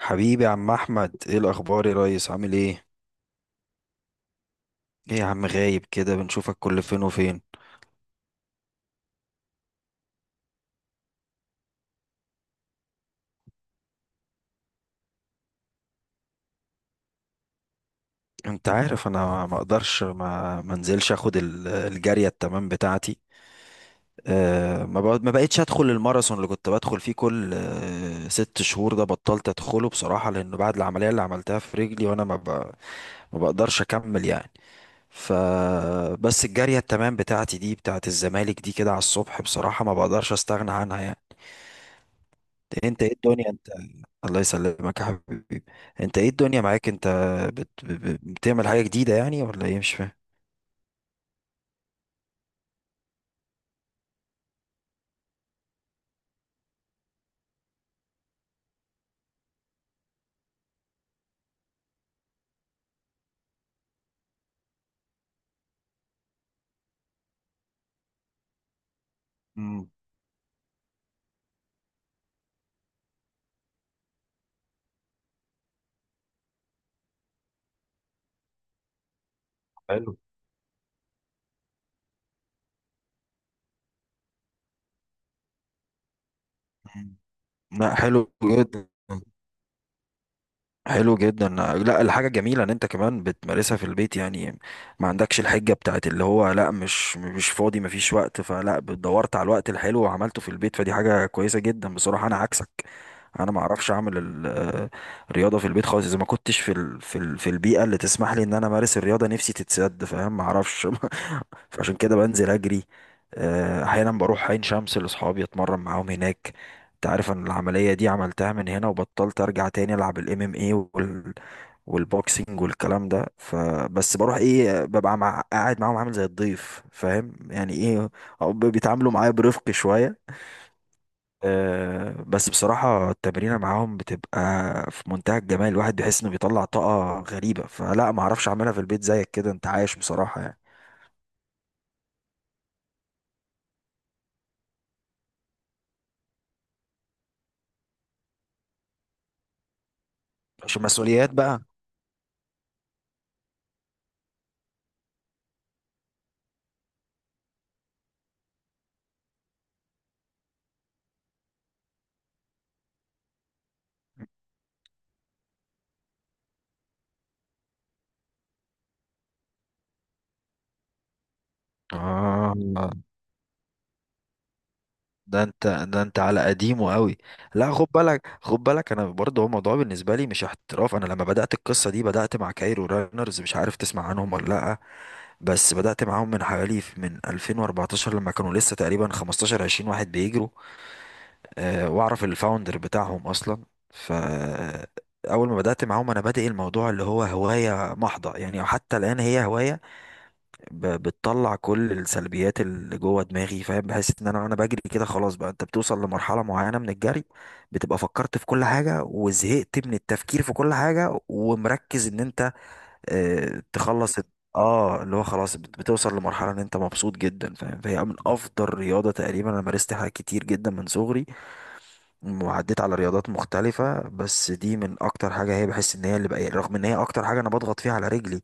حبيبي يا عم احمد، ايه الاخبار يا ريس؟ عامل ايه؟ ايه يا عم غايب كده، بنشوفك كل فين وفين. انت عارف انا ما اقدرش ما منزلش اخد الجاريه التمام بتاعتي. أه ما بق- ما بقتش ادخل الماراثون اللي كنت بدخل فيه كل ست شهور، ده بطلت ادخله بصراحه لانه بعد العمليه اللي عملتها في رجلي وانا ما, ب... ما بقدرش اكمل يعني. ف بس الجاريه التمام بتاعتي دي بتاعت الزمالك دي كده على الصبح، بصراحه ما بقدرش استغنى عنها يعني. انت ايه الدنيا انت؟ الله يسلمك يا حبيبي. انت ايه الدنيا معاك انت؟ بتعمل حاجة جديدة يعني ولا ايه؟ مش فاهم. امم حلو. مم. لا حلو جدا. حلو جدا، لا الحاجة جميلة ان انت كمان بتمارسها في البيت يعني. ما عندكش الحجة بتاعت اللي هو لا مش مش فاضي مفيش وقت، فلا دورت على الوقت الحلو وعملته في البيت، فدي حاجة كويسة جدا بصراحة. انا عكسك، انا ما اعرفش اعمل الرياضة في البيت خالص اذا ما كنتش في البيئة اللي تسمح لي ان انا امارس الرياضة، نفسي تتسد فاهم ما اعرفش. فعشان كده بنزل اجري. احيانا بروح عين شمس لاصحابي اتمرن معاهم هناك. انت عارف ان العملية دي عملتها من هنا وبطلت ارجع تاني العب الام ام اي وال والبوكسنج والكلام ده، فبس بروح ايه ببقى مع قاعد معاهم عامل زي الضيف فاهم يعني ايه. أو بيتعاملوا معايا برفق شوية. أه بس بصراحة التمرينة معاهم بتبقى في منتهى الجمال، الواحد بيحس انه بيطلع طاقة غريبة. فلا ما اعرفش اعملها في البيت زيك كده انت عايش بصراحة يعني. عشان مسؤوليات بقى. اه ده انت ده انت على قديمه قوي. لا خد بالك خد بالك، انا برضه هو الموضوع بالنسبه لي مش احتراف، انا لما بدات القصه دي بدات مع كايرو رانرز، مش عارف تسمع عنهم ولا لا. بس بدات معاهم من حوالي من 2014 لما كانوا لسه تقريبا 15 20 واحد بيجروا. أه واعرف الفاوندر بتاعهم اصلا. ف اول ما بدات معاهم انا بادئ الموضوع اللي هو هوايه محضه يعني، حتى الان هي هوايه. بتطلع كل السلبيات اللي جوه دماغي فاهم، بحس ان انا وانا بجري كده خلاص بقى انت بتوصل لمرحله معينه من الجري. بتبقى فكرت في كل حاجه وزهقت من التفكير في كل حاجه ومركز ان انت اه تخلص الت- اه اللي هو خلاص بتوصل لمرحله ان انت مبسوط جدا فاهم، فهي من افضل رياضه. تقريبا انا مارست حاجات كتير جدا من صغري وعديت على رياضات مختلفه، بس دي من اكتر حاجه، هي بحس ان هي اللي بقى رغم ان هي اكتر حاجه انا بضغط فيها على رجلي.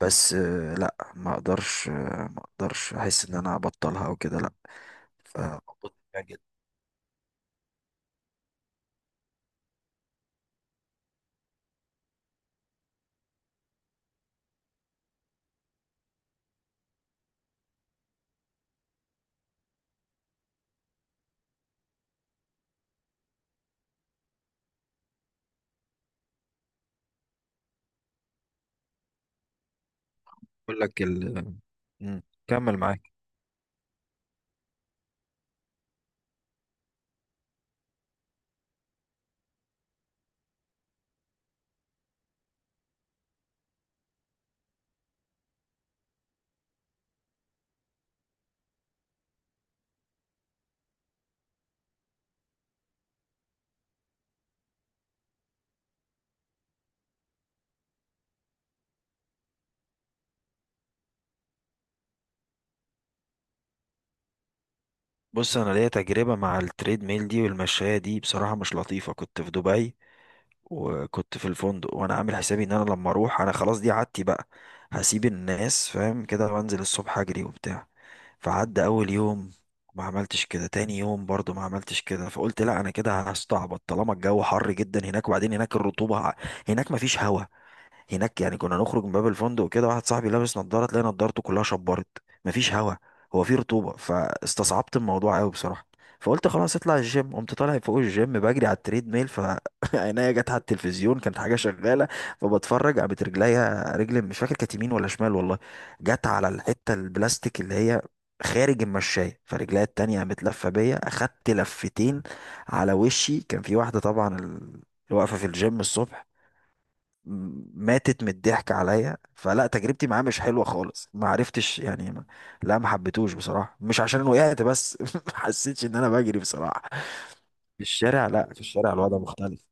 بس لا ما اقدرش، ما اقدرش احس ان انا ابطلها او كده، لا. فبطل فيها جدا. اقول لك ال... مم. كمل معاك. بص انا ليا تجربه مع التريد ميل دي والمشايه دي، بصراحه مش لطيفه. كنت في دبي وكنت في الفندق وانا عامل حسابي ان انا لما اروح انا خلاص دي عادتي بقى، هسيب الناس فاهم كده وانزل الصبح اجري وبتاع. فعدى اول يوم ما عملتش كده، تاني يوم برضو ما عملتش كده. فقلت لا انا كده هستعبط، طالما الجو حر جدا هناك، وبعدين هناك هناك ما فيش هوا هناك يعني. كنا نخرج من باب الفندق وكده واحد صاحبي لابس نضاره تلاقي نضارته كلها شبرت. مفيش هوا، هو في رطوبه. فاستصعبت الموضوع قوي بصراحه. فقلت خلاص اطلع الجيم، قمت طالع فوق الجيم بجري على التريد ميل، فعينيا جت على التلفزيون، كانت حاجه شغاله فبتفرج، قامت رجليا، رجل مش فاكر كانت يمين ولا شمال والله جت على الحته البلاستيك اللي هي خارج المشاية، فرجليا التانية قامت لفة بيا، أخدت لفتين على وشي. كان في واحدة طبعا اللي واقفة في الجيم الصبح ماتت من الضحك عليا. فلا تجربتي معاه مش حلوه خالص، ما عرفتش يعني ما. لا ما حبيتهوش بصراحه، مش عشان وقعت بس ما حسيتش ان انا بجري بصراحه في الشارع. لا، في الشارع الوضع مختلف.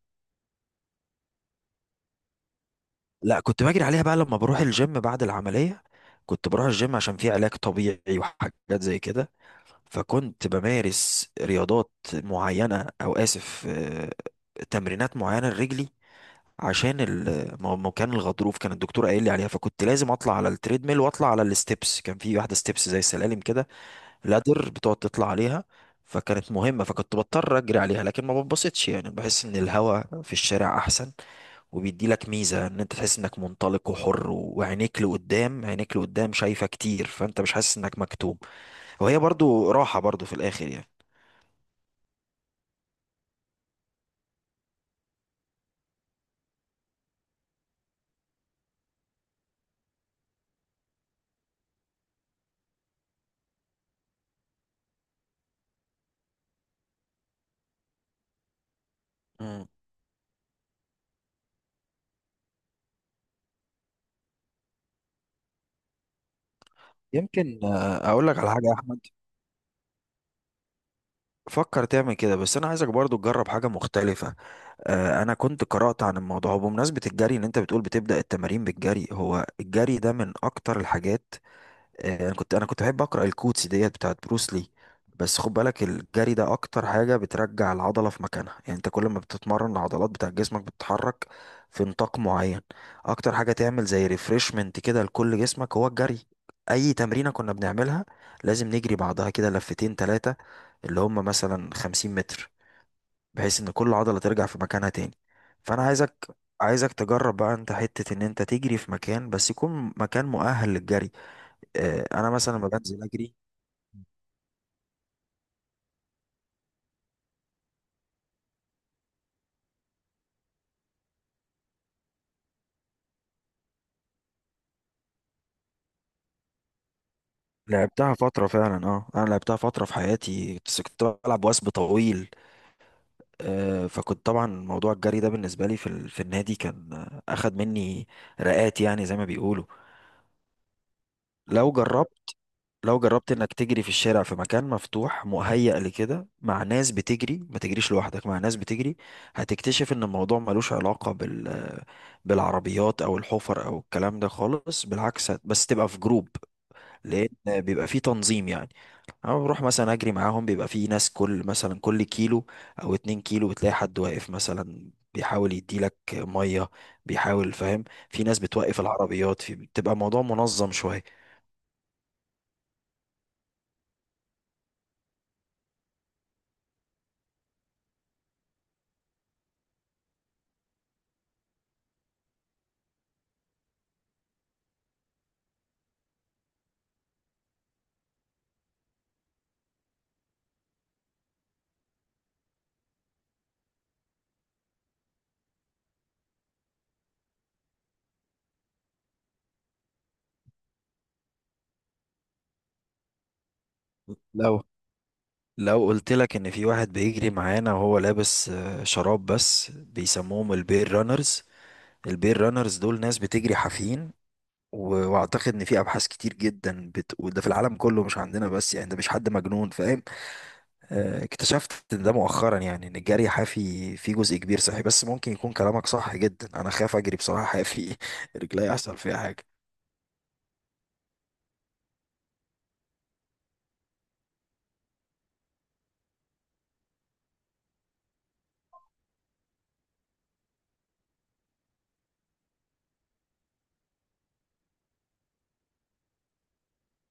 لا كنت بجري عليها بقى لما بروح الجيم بعد العمليه. كنت بروح الجيم عشان فيه علاج طبيعي وحاجات زي كده، فكنت بمارس رياضات معينه او اسف، تمرينات معينه لرجلي عشان ما كان الغضروف كان الدكتور قايل لي عليها، فكنت لازم اطلع على التريدميل واطلع على الستبس، كان في واحده ستبس زي السلالم كده لادر بتقعد تطلع عليها، فكانت مهمه، فكنت بضطر اجري عليها، لكن ما بتبسطش يعني. بحس ان الهواء في الشارع احسن وبيدي لك ميزه ان انت تحس انك منطلق وحر وعينيك لقدام، عينيك لقدام شايفه كتير، فانت مش حاسس انك مكتوم. وهي برضو راحه برضو في الاخر يعني. مم. يمكن اقول لك على حاجه يا احمد، فكر تعمل كده، بس انا عايزك برضو تجرب حاجه مختلفه. انا كنت قرات عن الموضوع بمناسبه الجري ان انت بتقول بتبدا التمارين بالجري، هو الجري ده من اكتر الحاجات. انا كنت بحب اقرا الكوتس ديت بتاعت بروسلي. بس خد بالك الجري ده اكتر حاجه بترجع العضله في مكانها يعني، انت كل ما بتتمرن العضلات بتاع جسمك بتتحرك في نطاق معين. اكتر حاجه تعمل زي ريفرشمنت كده لكل جسمك هو الجري. اي تمرينه كنا بنعملها لازم نجري بعضها كده لفتين تلاتة، اللي هم مثلا خمسين متر، بحيث ان كل عضله ترجع في مكانها تاني. فانا عايزك تجرب بقى انت حتة ان انت تجري في مكان، بس يكون مكان مؤهل للجري. انا مثلا لما بنزل اجري لعبتها فتره فعلا. اه انا لعبتها فتره في حياتي بس كنت بلعب وثب طويل. فكنت طبعا موضوع الجري ده بالنسبه لي في في النادي كان اخد مني رقات يعني زي ما بيقولوا. لو جربت لو جربت انك تجري في الشارع في مكان مفتوح مهيأ لكده مع ناس بتجري، ما تجريش لوحدك مع ناس بتجري، هتكتشف ان الموضوع ملوش علاقة بالعربيات او الحفر او الكلام ده خالص. بالعكس بس تبقى في جروب، لان بيبقى فيه تنظيم يعني. انا بروح مثلا اجري معاهم بيبقى فيه ناس كل مثلا كل كيلو او اتنين كيلو بتلاقي حد واقف مثلا بيحاول يديلك ميه بيحاول فاهم. في ناس بتوقف العربيات، في بتبقى الموضوع منظم شويه. لو لو قلت لك ان في واحد بيجري معانا وهو لابس شراب بس، بيسموهم البير رانرز. البير رانرز دول ناس بتجري حافيين، واعتقد ان في ابحاث كتير جدا وده في العالم كله مش عندنا بس، يعني ده مش حد مجنون فاهم. اكتشفت ده مؤخرا يعني ان الجري حافي فيه جزء كبير صحي، بس ممكن يكون كلامك صح جدا، انا خاف اجري بصراحة حافي رجلي يحصل فيها حاجة.